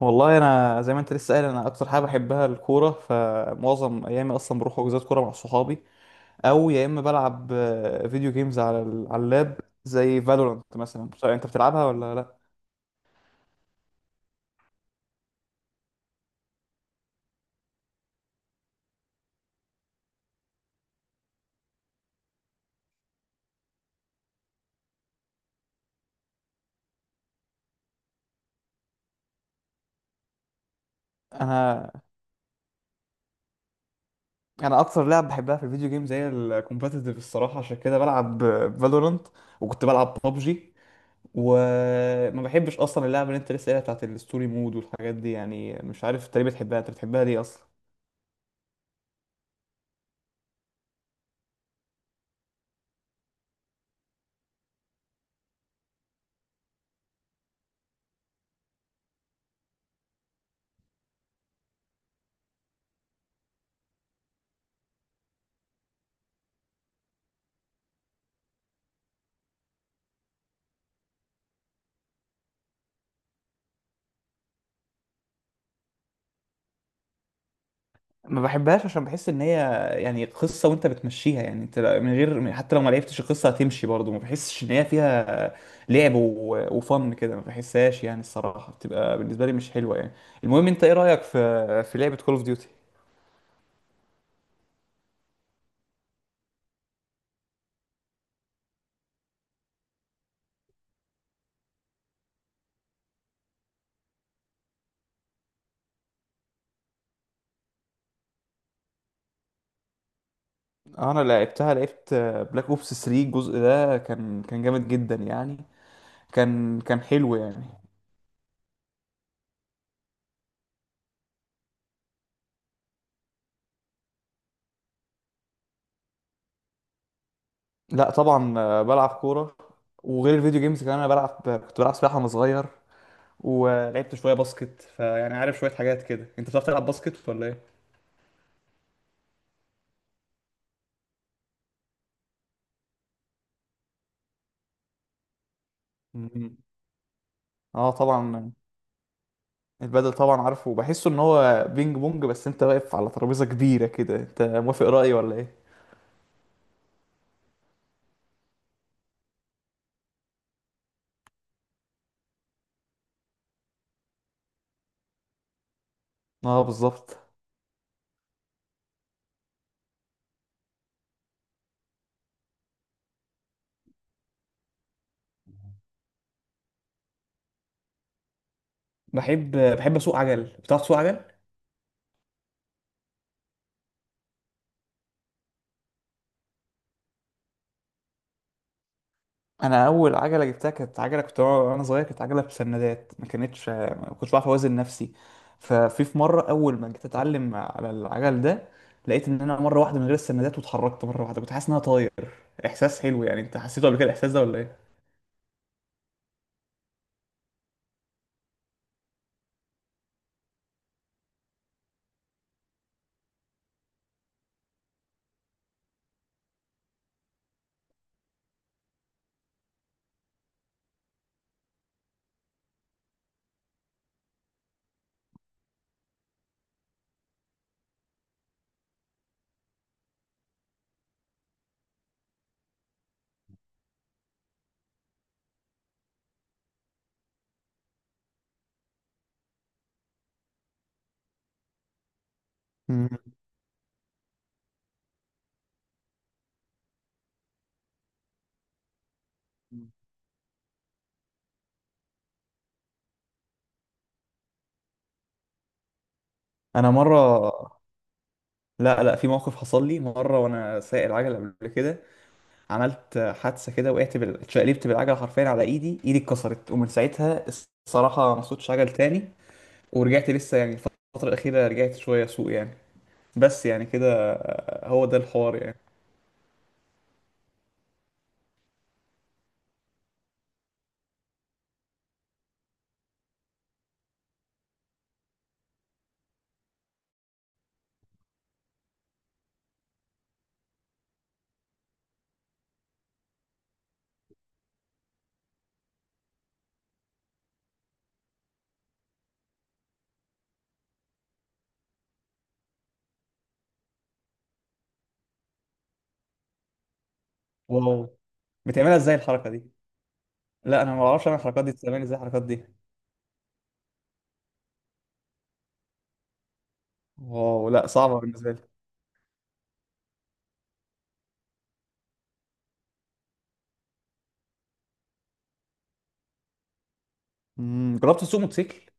والله انا زي ما انت لسه قايل انا اكتر حاجه بحبها الكوره، فمعظم ايامي اصلا بروح حجوزات كوره مع صحابي، او يا اما بلعب فيديو جيمز على على اللاب، زي فالورانت مثلا. مش عارف انت بتلعبها ولا لا. انا انا اكتر لعب بحبها في الفيديو جيمز هي الكومبتيتيف الصراحه، عشان كده بلعب فالورانت، وكنت بلعب ببجي. وما بحبش اصلا اللعبه اللي انت لسه قايلها بتاعت الستوري مود والحاجات دي. يعني مش عارف انت ليه بتحبها، انت بتحبها ليه اصلا؟ ما بحبهاش عشان بحس ان هي يعني قصه وانت بتمشيها، يعني انت من غير حتى لو ما لعبتش القصه هتمشي برضه. ما بحسش ان هي فيها لعب وفن كده، ما بحسهاش يعني. الصراحه بتبقى بالنسبه لي مش حلوه يعني. المهم، انت ايه رايك في لعبه كول اوف ديوتي؟ انا لعبتها، لعبت بلاك اوبس 3، الجزء ده كان جامد جدا يعني، كان حلو يعني. لا طبعا، بلعب كوره. وغير الفيديو جيمز كمان انا بلعب، كنت بلعب سباحه وانا صغير، ولعبت شويه باسكت. فيعني عارف، شويه حاجات كده. انت بتعرف تلعب باسكت ولا ايه؟ مم. اه طبعا. البدل طبعا عارفه، بحسه ان هو بينج بونج بس انت واقف على ترابيزة كبيرة كده. انت موافق رأيي ولا ايه؟ اه بالظبط. بحب اسوق عجل. بتعرف تسوق عجل؟ انا اول عجله جبتها كانت عجله كنت وانا صغير، كانت عجله بسندات، ما كنتش بعرف اوازن نفسي. ففي مره اول ما جيت اتعلم على العجل ده، لقيت ان انا مره واحده من غير السندات، واتحركت مره واحده، كنت حاسس ان انا طاير. احساس حلو يعني. انت حسيته قبل كده الاحساس ده ولا ايه؟ مم. انا مره لا لا، في موقف حصل لي مره وانا سايق العجله قبل كده. عملت حادثه كده، وقعت اتشقلبت بالعجله حرفيا على ايدي. ايدي اتكسرت، ومن ساعتها الصراحه ما صوتش عجل تاني. ورجعت لسه يعني الفترة الأخيرة، رجعت شوية سوق يعني. بس يعني كده، هو ده الحوار يعني. واو، بتعملها ازاي الحركة دي؟ لا أنا ما بعرفش أعمل الحركات دي، بتعمل ازاي الحركات دي؟ واو، لا صعبة بالنسبة لي. جربت تسوق موتوسيكل؟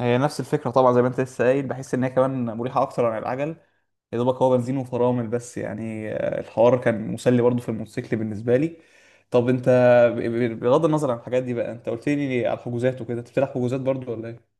هي نفس الفكرة طبعا، زي ما أنت لسه قايل. بحس إن هي كمان مريحة أكتر عن العجل. يا دوبك هو بنزين وفرامل بس يعني، الحوار كان مسلي برضه في الموتوسيكل بالنسبة لي. طب أنت بغض النظر عن الحاجات دي بقى، أنت قلت لي على الحجوزات وكده. أنت بتلعب حجوزات برضه ولا إيه؟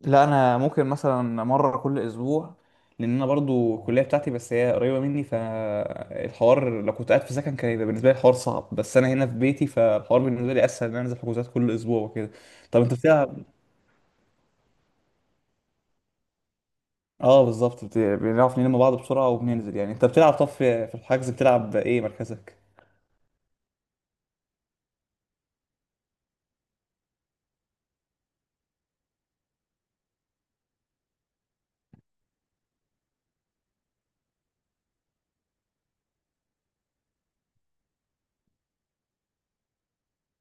لا انا ممكن مثلا مره كل اسبوع، لان انا برضو الكليه بتاعتي بس هي قريبه مني. فالحوار لو كنت قاعد في سكن كان يبقى بالنسبه لي الحوار صعب، بس انا هنا في بيتي، فالحوار بالنسبه لي اسهل ان انا انزل حجوزات كل اسبوع وكده. طب انت بتلعب؟ اه بالظبط، بنعرف نلم بعض بسرعه وبننزل يعني. انت بتلعب، طب في الحجز بتلعب ايه مركزك؟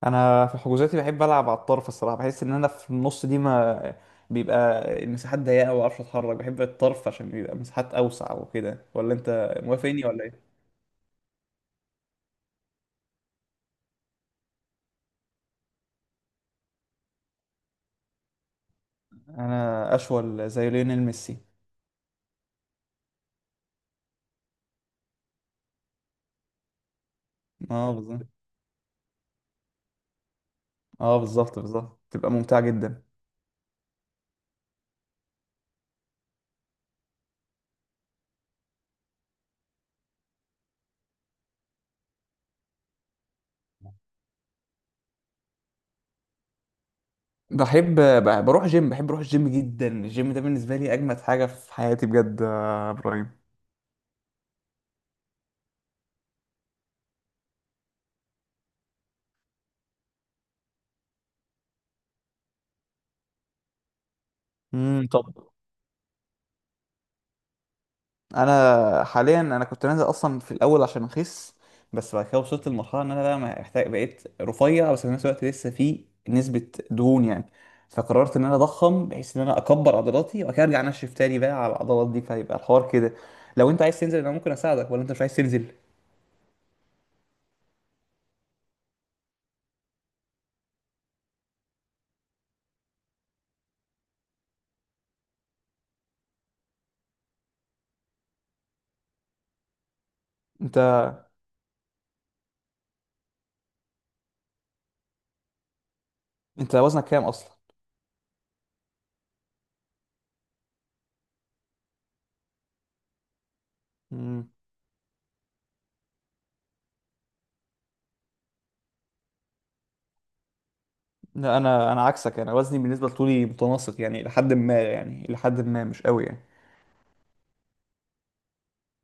انا في حجوزاتي بحب العب على الطرف الصراحه. بحس ان انا في النص دي ما بيبقى المساحات ضيقه وما اعرفش اتحرك. بحب الطرف عشان بيبقى مساحات اوسع وكده، ولا انت موافقني ولا ايه؟ انا اشول زي ليونيل ميسي. اه بالظبط. اه بالظبط، بالظبط، تبقى ممتعه جدا. بحب بروح جيم. بحب اروح الجيم جدا. الجيم ده بالنسبه لي اجمد حاجه في حياتي بجد يا ابراهيم. طب، انا حاليا انا كنت نازل اصلا في الاول عشان اخس، بس بعد كده وصلت لمرحله ان انا بقى محتاج. بقيت رفيع بس في نفس الوقت لسه في نسبه دهون يعني. فقررت ان انا اضخم بحيث ان انا اكبر عضلاتي، وبعد كده ارجع انشف تاني بقى على العضلات دي. فيبقى الحوار كده، لو انت عايز تنزل انا ممكن اساعدك، ولا انت مش عايز تنزل؟ انت انت وزنك كام اصلا؟ مم. لا انا عكسك. انا وزني بالنسبه لطولي متناسق يعني لحد ما، يعني لحد ما مش قوي يعني.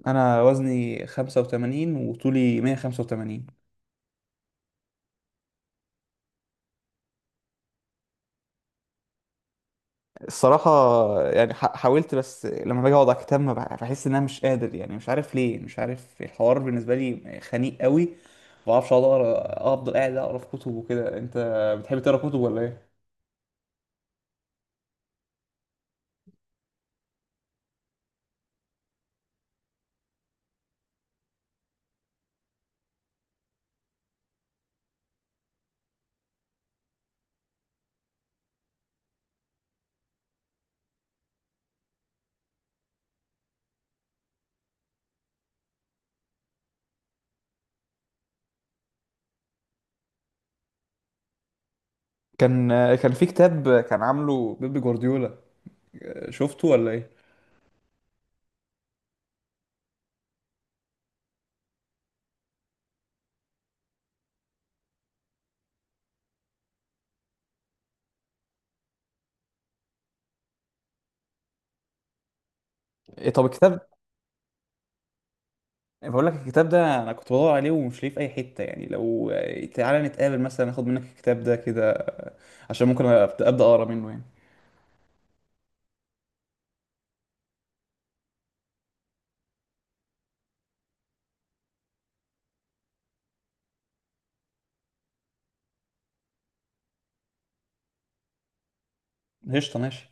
انا وزني 85 وطولي 185. الصراحة يعني حاولت، بس لما باجي اقعد على الكتاب ما بحس ان انا مش قادر يعني. مش عارف ليه، مش عارف الحوار بالنسبة لي خنيق قوي. ما بعرفش اقعد اقرا، افضل قاعد اقرا في كتب وكده. انت بتحب تقرا كتب ولا ايه؟ كان كان في كتاب كان عامله بيب جوارديولا، شفته ولا ايه؟ إيه طب الكتاب، بقول لك الكتاب ده انا كنت بدور عليه ومش لاقيه في اي حتة يعني. لو تعالى نتقابل مثلا اخد منك الكتاب ده كده، عشان ممكن أبدأ اقرا منه يعني. قشطة، ماشي.